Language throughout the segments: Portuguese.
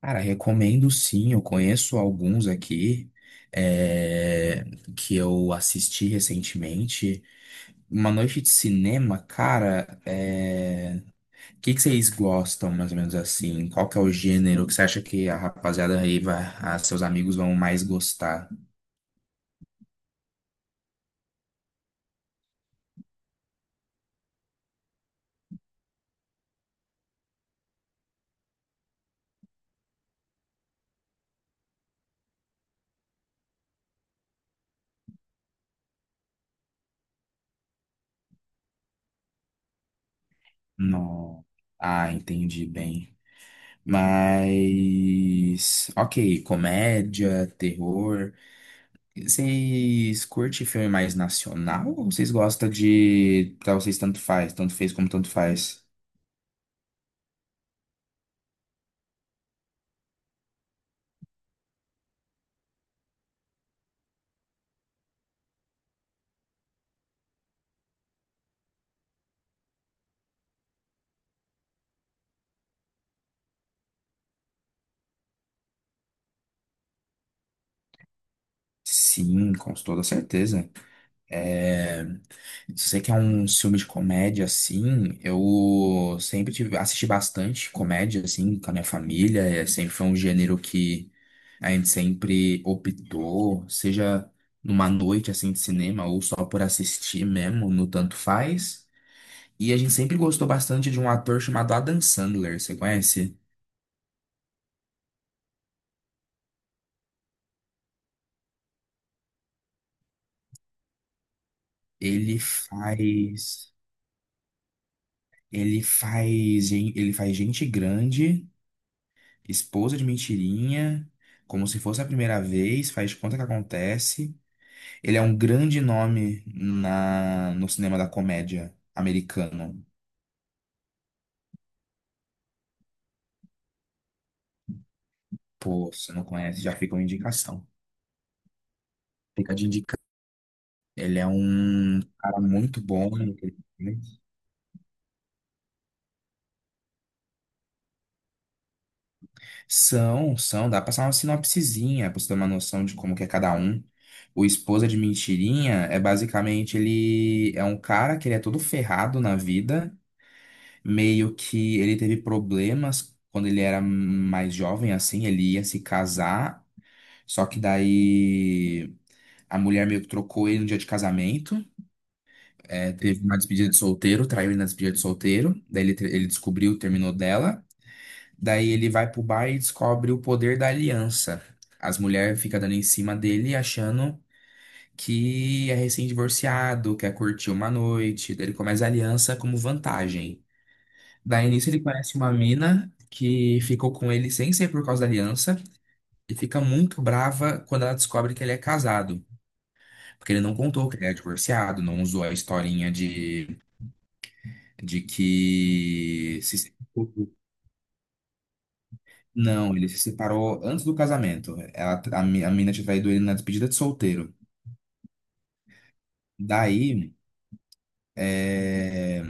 Cara, recomendo sim, eu conheço alguns aqui é, que eu assisti recentemente. Uma noite de cinema, cara, o que que vocês gostam mais ou menos assim? Qual que é o gênero que você acha que a rapaziada aí vai, a seus amigos vão mais gostar? Não. Ah, entendi bem. Mas, ok, comédia, terror. Vocês curtem filme mais nacional ou vocês gostam de. Pra vocês tanto faz? Sim, com toda certeza. É, Se você quer um filme de comédia assim, assisti bastante comédia assim com a minha família. Sempre foi um gênero que a gente sempre optou, seja numa noite assim de cinema ou só por assistir mesmo, no tanto faz. E a gente sempre gostou bastante de um ator chamado Adam Sandler, você conhece? Ele faz, Ele faz Gente Grande, Esposa de Mentirinha, Como Se Fosse a Primeira Vez, Faz de Conta Que Acontece. Ele é um grande nome no cinema da comédia americano. Pô, se não conhece, já fica uma indicação. Fica de. Ele é um cara muito bom no que ele faz. São, são, dá pra passar uma sinopsezinha pra você ter uma noção de como que é cada um. O Esposa de Mentirinha é basicamente: ele é um cara que ele é todo ferrado na vida, meio que ele teve problemas quando ele era mais jovem, assim, ele ia se casar, só que daí a mulher meio que trocou ele no dia de casamento, é, teve uma despedida de solteiro, traiu ele na despedida de solteiro, daí ele descobriu, terminou dela. Daí ele vai pro bar e descobre o poder da aliança. As mulheres ficam dando em cima dele, achando que é recém-divorciado, quer curtir uma noite. Daí ele começa a aliança como vantagem. Daí nisso ele conhece uma mina que ficou com ele sem ser por causa da aliança e fica muito brava quando ela descobre que ele é casado. Porque ele não contou que ele é divorciado, não usou a historinha de que se separou. Não, ele se separou antes do casamento. A mina tinha traído ele na despedida de solteiro. Daí, é,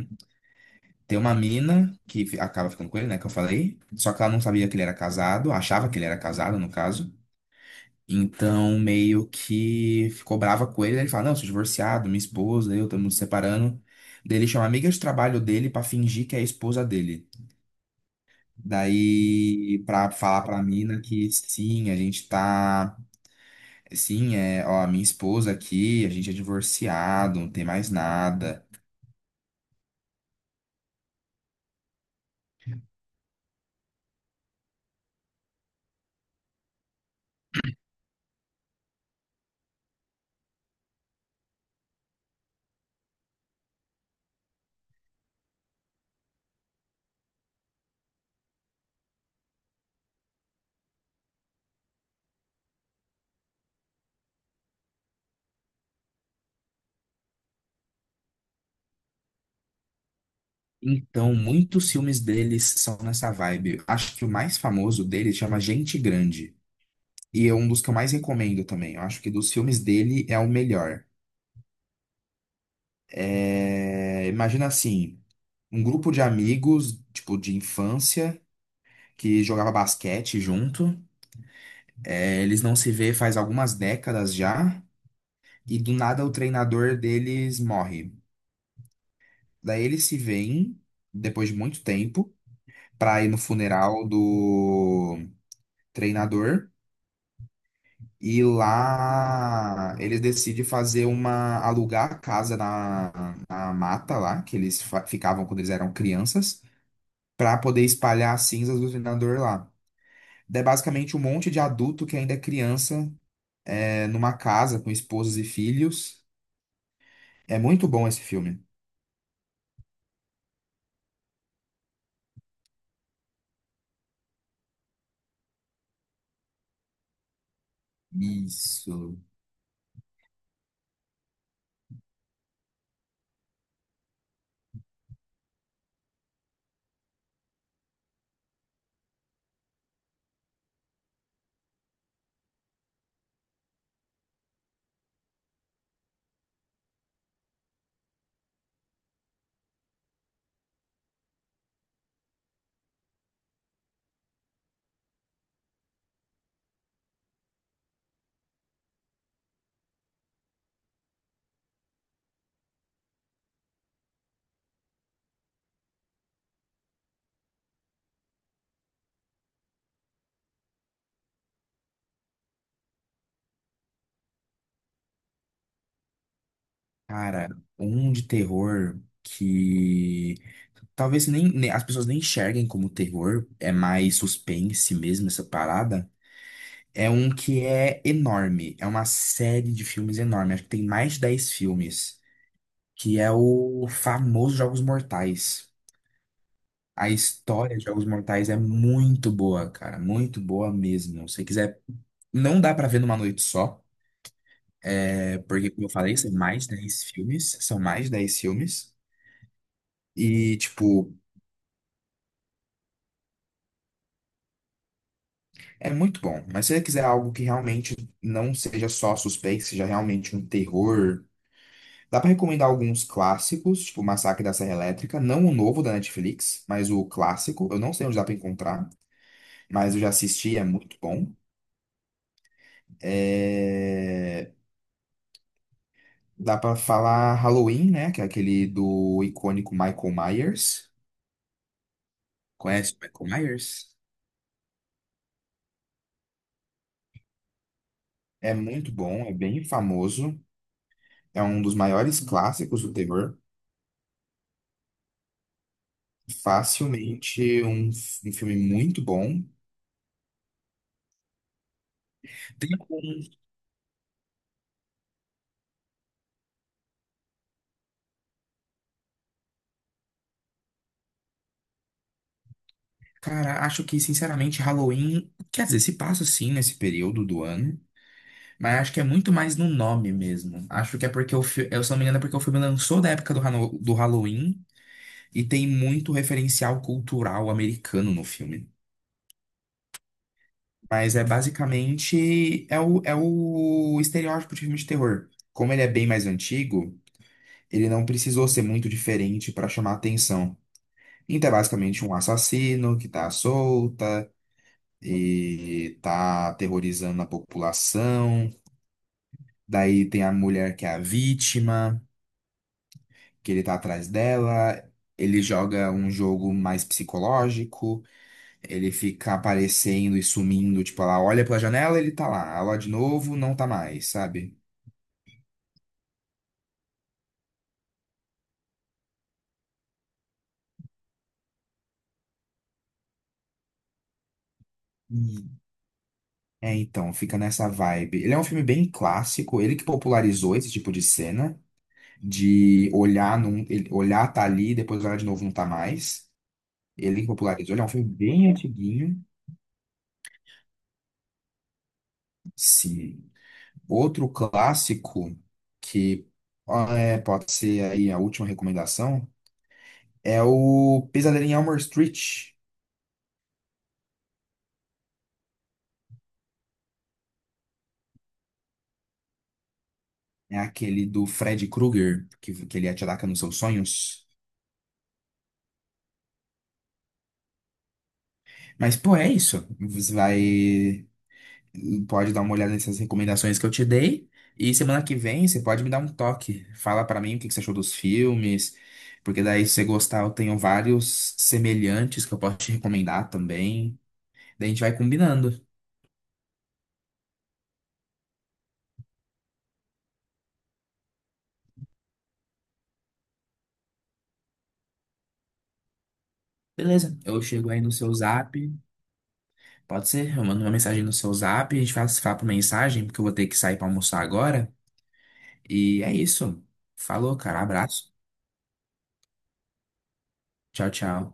tem uma mina acaba ficando com ele, né? Que eu falei. Só que ela não sabia que ele era casado, achava que ele era casado, no caso. Então, meio que ficou brava com ele. Daí ele fala: Não, sou divorciado, minha esposa, eu estamos nos separando. Daí ele chama a amiga de trabalho dele pra fingir que é a esposa dele. Daí, pra falar pra mina que sim, a gente tá. Sim, é, ó, a minha esposa aqui, a gente é divorciado, não tem mais nada. Então, muitos filmes deles são nessa vibe. Acho que o mais famoso dele chama Gente Grande. E é um dos que eu mais recomendo também. Eu acho que dos filmes dele é o melhor. É, imagina assim, um grupo de amigos, tipo, de infância, que jogava basquete junto. É, eles não se vê faz algumas décadas já. E do nada o treinador deles morre. Daí eles se veem depois de muito tempo pra ir no funeral do treinador e lá eles decidem fazer uma alugar a casa na mata lá que eles ficavam quando eles eram crianças pra poder espalhar as cinzas do treinador lá. Daí basicamente um monte de adulto que ainda é criança, é, numa casa com esposas e filhos. É muito bom esse filme. Isso, cara, um de terror que talvez as pessoas nem enxerguem como terror, é mais suspense mesmo essa parada. É um que é enorme, é uma série de filmes enorme, acho que tem mais de 10 filmes, que é o famoso Jogos Mortais. A história de Jogos Mortais é muito boa, cara, muito boa mesmo. Se você quiser, não dá pra ver numa noite só, é porque, como eu falei, são mais de 10 filmes, são mais de 10 filmes. E, tipo, é muito bom, mas se você quiser algo que realmente não seja só suspense, seja realmente um terror, dá pra recomendar alguns clássicos, tipo Massacre da Serra Elétrica, não o novo da Netflix, mas o clássico. Eu não sei onde dá pra encontrar, mas eu já assisti, é muito bom. É, dá pra falar Halloween, né? Que é aquele do icônico Michael Myers. Conhece o Michael Myers? É muito bom, é bem famoso, é um dos maiores clássicos do terror. Facilmente um, um filme muito bom. Tem um, cara, acho que sinceramente Halloween, quer dizer, se passa sim nesse período do ano, mas acho que é muito mais no nome mesmo. Acho que é porque o filme, eu se não me engano, é porque o filme lançou da época do Halloween e tem muito referencial cultural americano no filme. Mas é basicamente é o estereótipo de filme de terror. Como ele é bem mais antigo, ele não precisou ser muito diferente para chamar atenção. Então, é basicamente um assassino que tá à solta e tá aterrorizando a população. Daí tem a mulher que é a vítima, que ele tá atrás dela. Ele joga um jogo mais psicológico, ele fica aparecendo e sumindo, tipo, ela olha pela janela, ele tá lá, ela olha de novo, não tá mais, sabe? Hum. É, então, fica nessa vibe. Ele é um filme bem clássico, ele que popularizou esse tipo de cena. De olhar, num, ele- Olhar, tá ali, depois olhar de novo, não tá mais. Ele que popularizou, ele é um filme bem antiguinho. Sim. Outro clássico que, ah, é, pode ser aí a última recomendação, é o Pesadelo em Elm Street. É aquele do Fred Krueger, que ele ataca nos seus sonhos. Mas, pô, é isso. Vai. E pode dar uma olhada nessas recomendações que eu te dei. E semana que vem você pode me dar um toque. Fala pra mim o que que você achou dos filmes, porque daí se você gostar, eu tenho vários semelhantes que eu posso te recomendar também. Daí a gente vai combinando. Beleza, eu chego aí no seu zap. Pode ser? Eu mando uma mensagem no seu zap, a gente faz fala por mensagem, porque eu vou ter que sair pra almoçar agora. E é isso. Falou, cara. Abraço. Tchau, tchau.